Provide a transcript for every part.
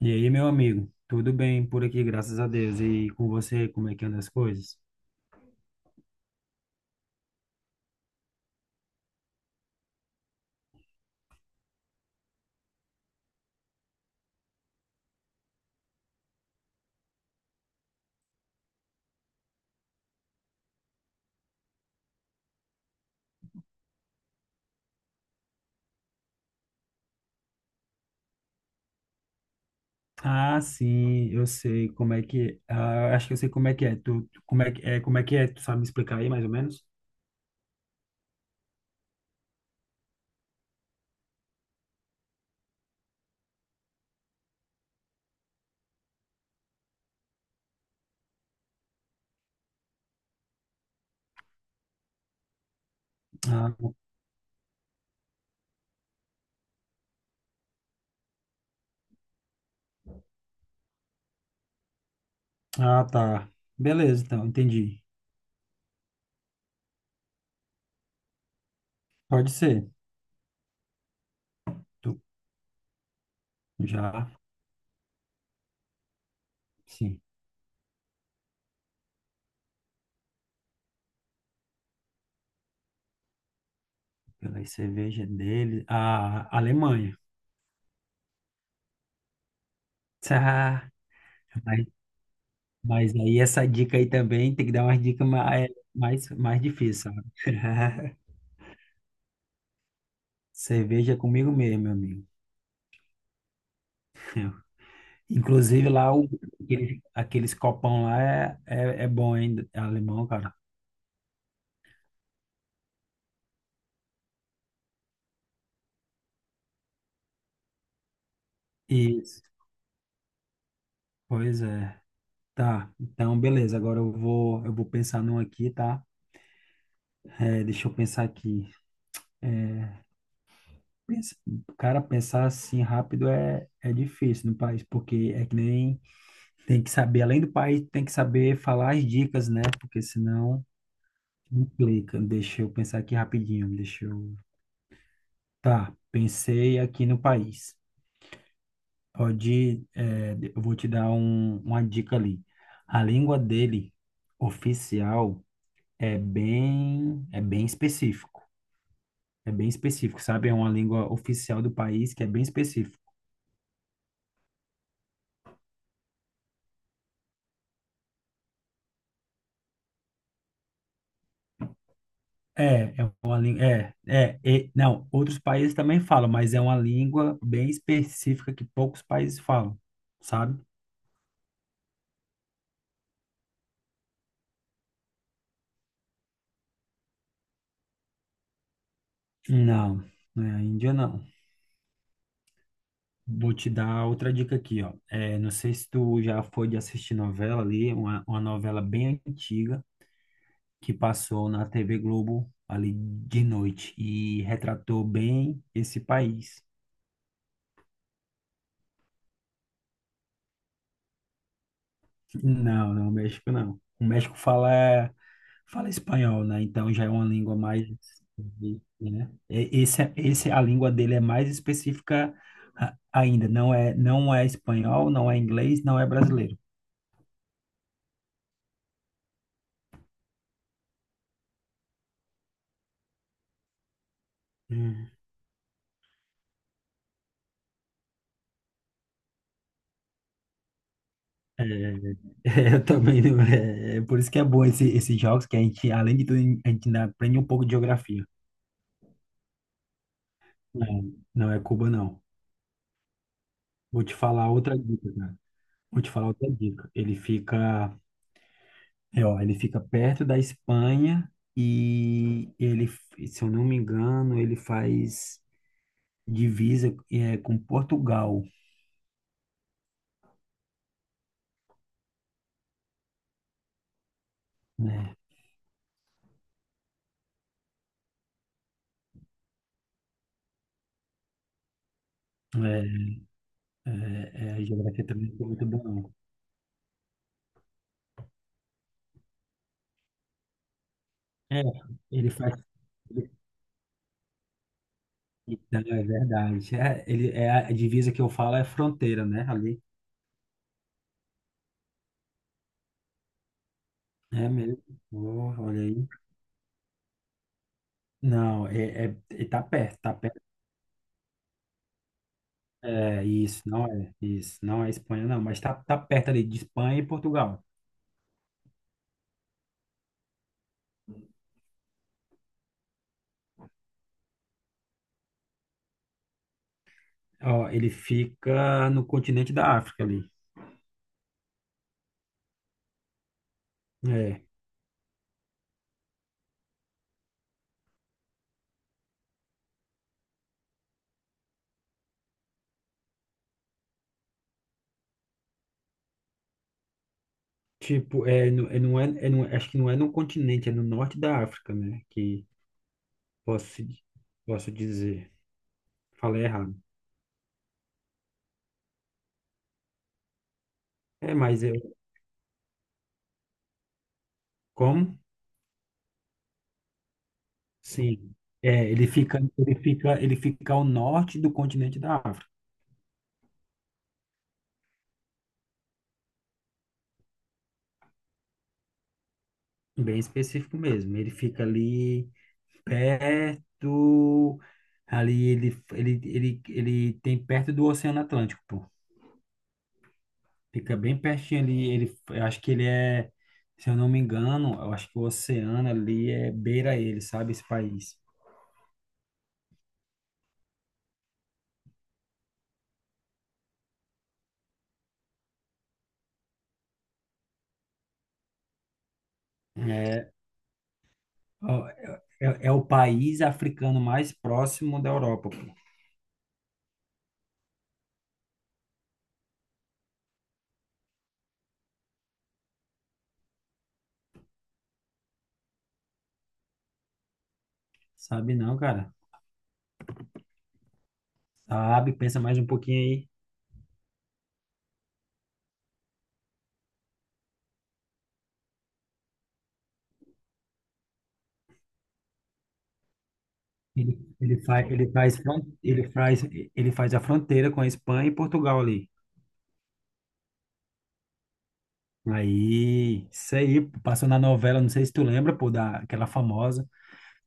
E aí, meu amigo, tudo bem por aqui, graças a Deus. E com você, como é que anda as coisas? Sim, eu sei como é que, acho que eu sei como é que é. Como é que é, como é que é? Tu sabe me explicar aí mais ou menos? Ah, tá. Beleza, então, entendi. Pode ser. Tu já, sim, pela cerveja dele, a Alemanha. Tá, mas, mas aí essa dica aí também tem que dar umas dicas mais difíceis, sabe? Cerveja é comigo mesmo, meu amigo. Inclusive lá, aqueles copão lá é bom, hein? É alemão, cara. Isso, pois é. Tá, então beleza. Agora eu vou pensar num aqui, tá? É, deixa eu pensar aqui. É, pensa- cara, pensar assim rápido é difícil no país, porque é que nem tem que saber, além do país, tem que saber falar as dicas, né? Porque senão implica. Deixa eu pensar aqui rapidinho. Deixa eu. Tá, pensei aqui no país. Eu vou te dar uma dica ali. A língua dele, oficial, é é bem específico. É bem específico, sabe? É uma língua oficial do país que é bem específico. É uma língua. Não, outros países também falam, mas é uma língua bem específica que poucos países falam, sabe? Não, não é a Índia, não. Vou te dar outra dica aqui, ó. É, não sei se tu já foi de assistir novela ali, uma novela bem antiga, que passou na TV Globo ali de noite e retratou bem esse país. Não, não, o México não. O México fala espanhol, né? Então já é uma língua mais, né? A língua dele é mais específica ainda. Não é espanhol, não é inglês, não é brasileiro. Hum. É, eu também, é, é por isso que é bom esses jogos, que a gente, além de tudo, a gente ainda aprende um pouco de geografia. Não, não é Cuba, não. Vou te falar outra dica, cara. Vou te falar outra dica. Ele fica perto da Espanha e ele, se eu não me engano, ele faz divisa com Portugal, né? É, é, é, a geografia também não é muito boa, não. É, ele faz. Não, é verdade. É, ele, é a divisa que eu falo é fronteira, né? Ali. É mesmo. Oh, olha aí. Não, é, é, é- tá perto, tá perto. É, isso, não é, isso, não é Espanha, não, mas tá perto ali de Espanha e Portugal. Ó, ele fica no continente da África ali. É, não, acho que não é no continente, é no norte da África, né? Que posso, posso dizer. Falei errado. É, mas eu, como? Sim. É, ele fica ao norte do continente da África. Bem específico mesmo. Ele fica ali, perto ali ele tem perto do Oceano Atlântico, pô. Fica bem pertinho ali, ele eu acho que ele é, se eu não me engano, eu acho que o oceano ali é beira ele, sabe, esse país. É, ó, é é o país africano mais próximo da Europa, pô. Sabe não, cara? Sabe, pensa mais um pouquinho aí. Ele, ele faz, ele faz, fron- ele faz, ele faz a fronteira com a Espanha e Portugal ali. Aí, isso aí, pô, passou na novela, não sei se tu lembra, pô, da, aquela famosa,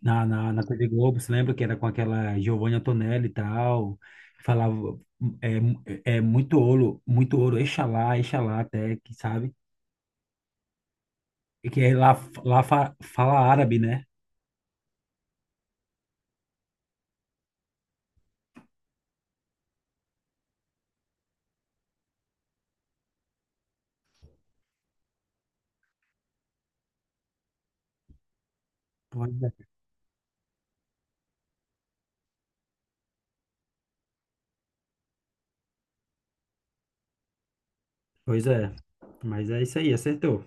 na TV Globo, você lembra que era com aquela Giovanna Antonelli e tal, falava, é muito ouro, Exalá, Exalá até, que sabe, e que é lá fala árabe, né? Pois é. Pois é. Mas é isso aí, acertou.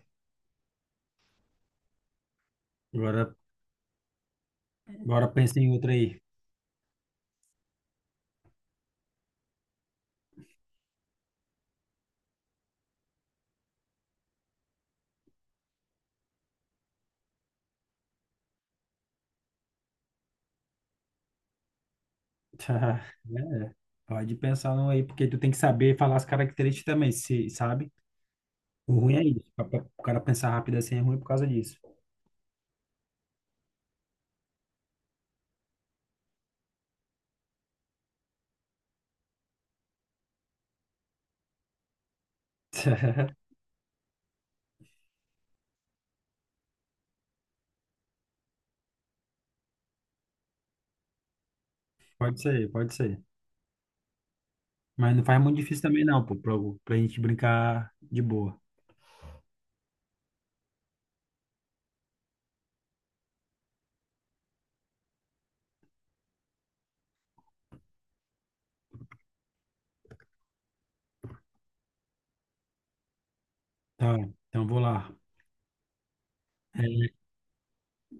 Agora, agora pensa em outra aí. É, pode pensar num aí, porque tu tem que saber falar as características também, se, sabe? O ruim é isso. O cara pensar rápido assim é ruim por causa disso. Pode ser, pode ser. Mas não faz muito difícil também, não, pô, pra gente brincar de boa. Tá, então vou lá. É,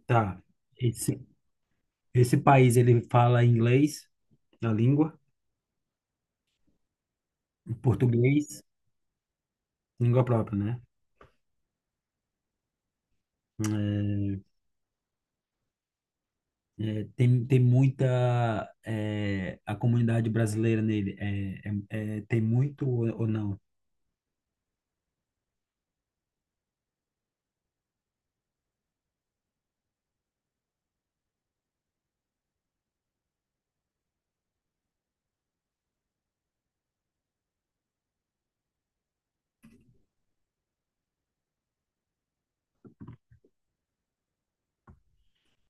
tá. Esse, esse país, ele fala inglês, a língua, português, língua própria, né? É, é, tem muita. É, a comunidade brasileira nele é, é, tem muito ou não?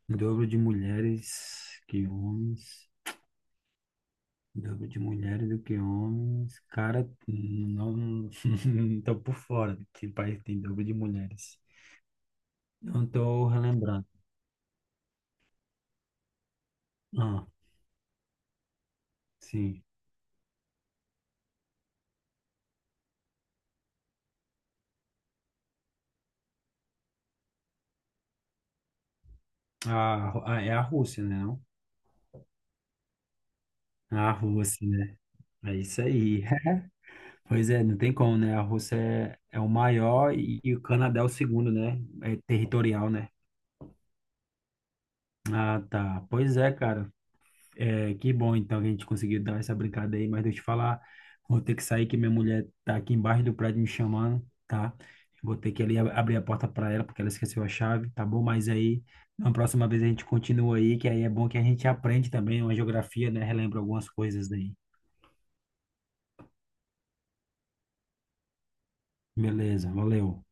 O dobro de mulheres que homens. Dobro de mulheres do que homens. Cara, não não tô por fora de que país tem dobro de mulheres. Não tô relembrando. Ah, sim. É a Rússia, né? Não? A Rússia, né? É isso aí. Pois é, não tem como, né? É o maior e o Canadá é o segundo, né? É territorial, né? Ah, tá. Pois é, cara. É, que bom, então, que a gente conseguiu dar essa brincada aí, mas deixa eu te falar, vou ter que sair que minha mulher tá aqui embaixo do prédio me chamando, tá? Vou ter que ali abrir a porta para ela, porque ela esqueceu a chave, tá bom? Mas aí, na próxima vez a gente continua aí, que aí é bom que a gente aprende também uma geografia, né? Relembra algumas coisas aí. Beleza, valeu.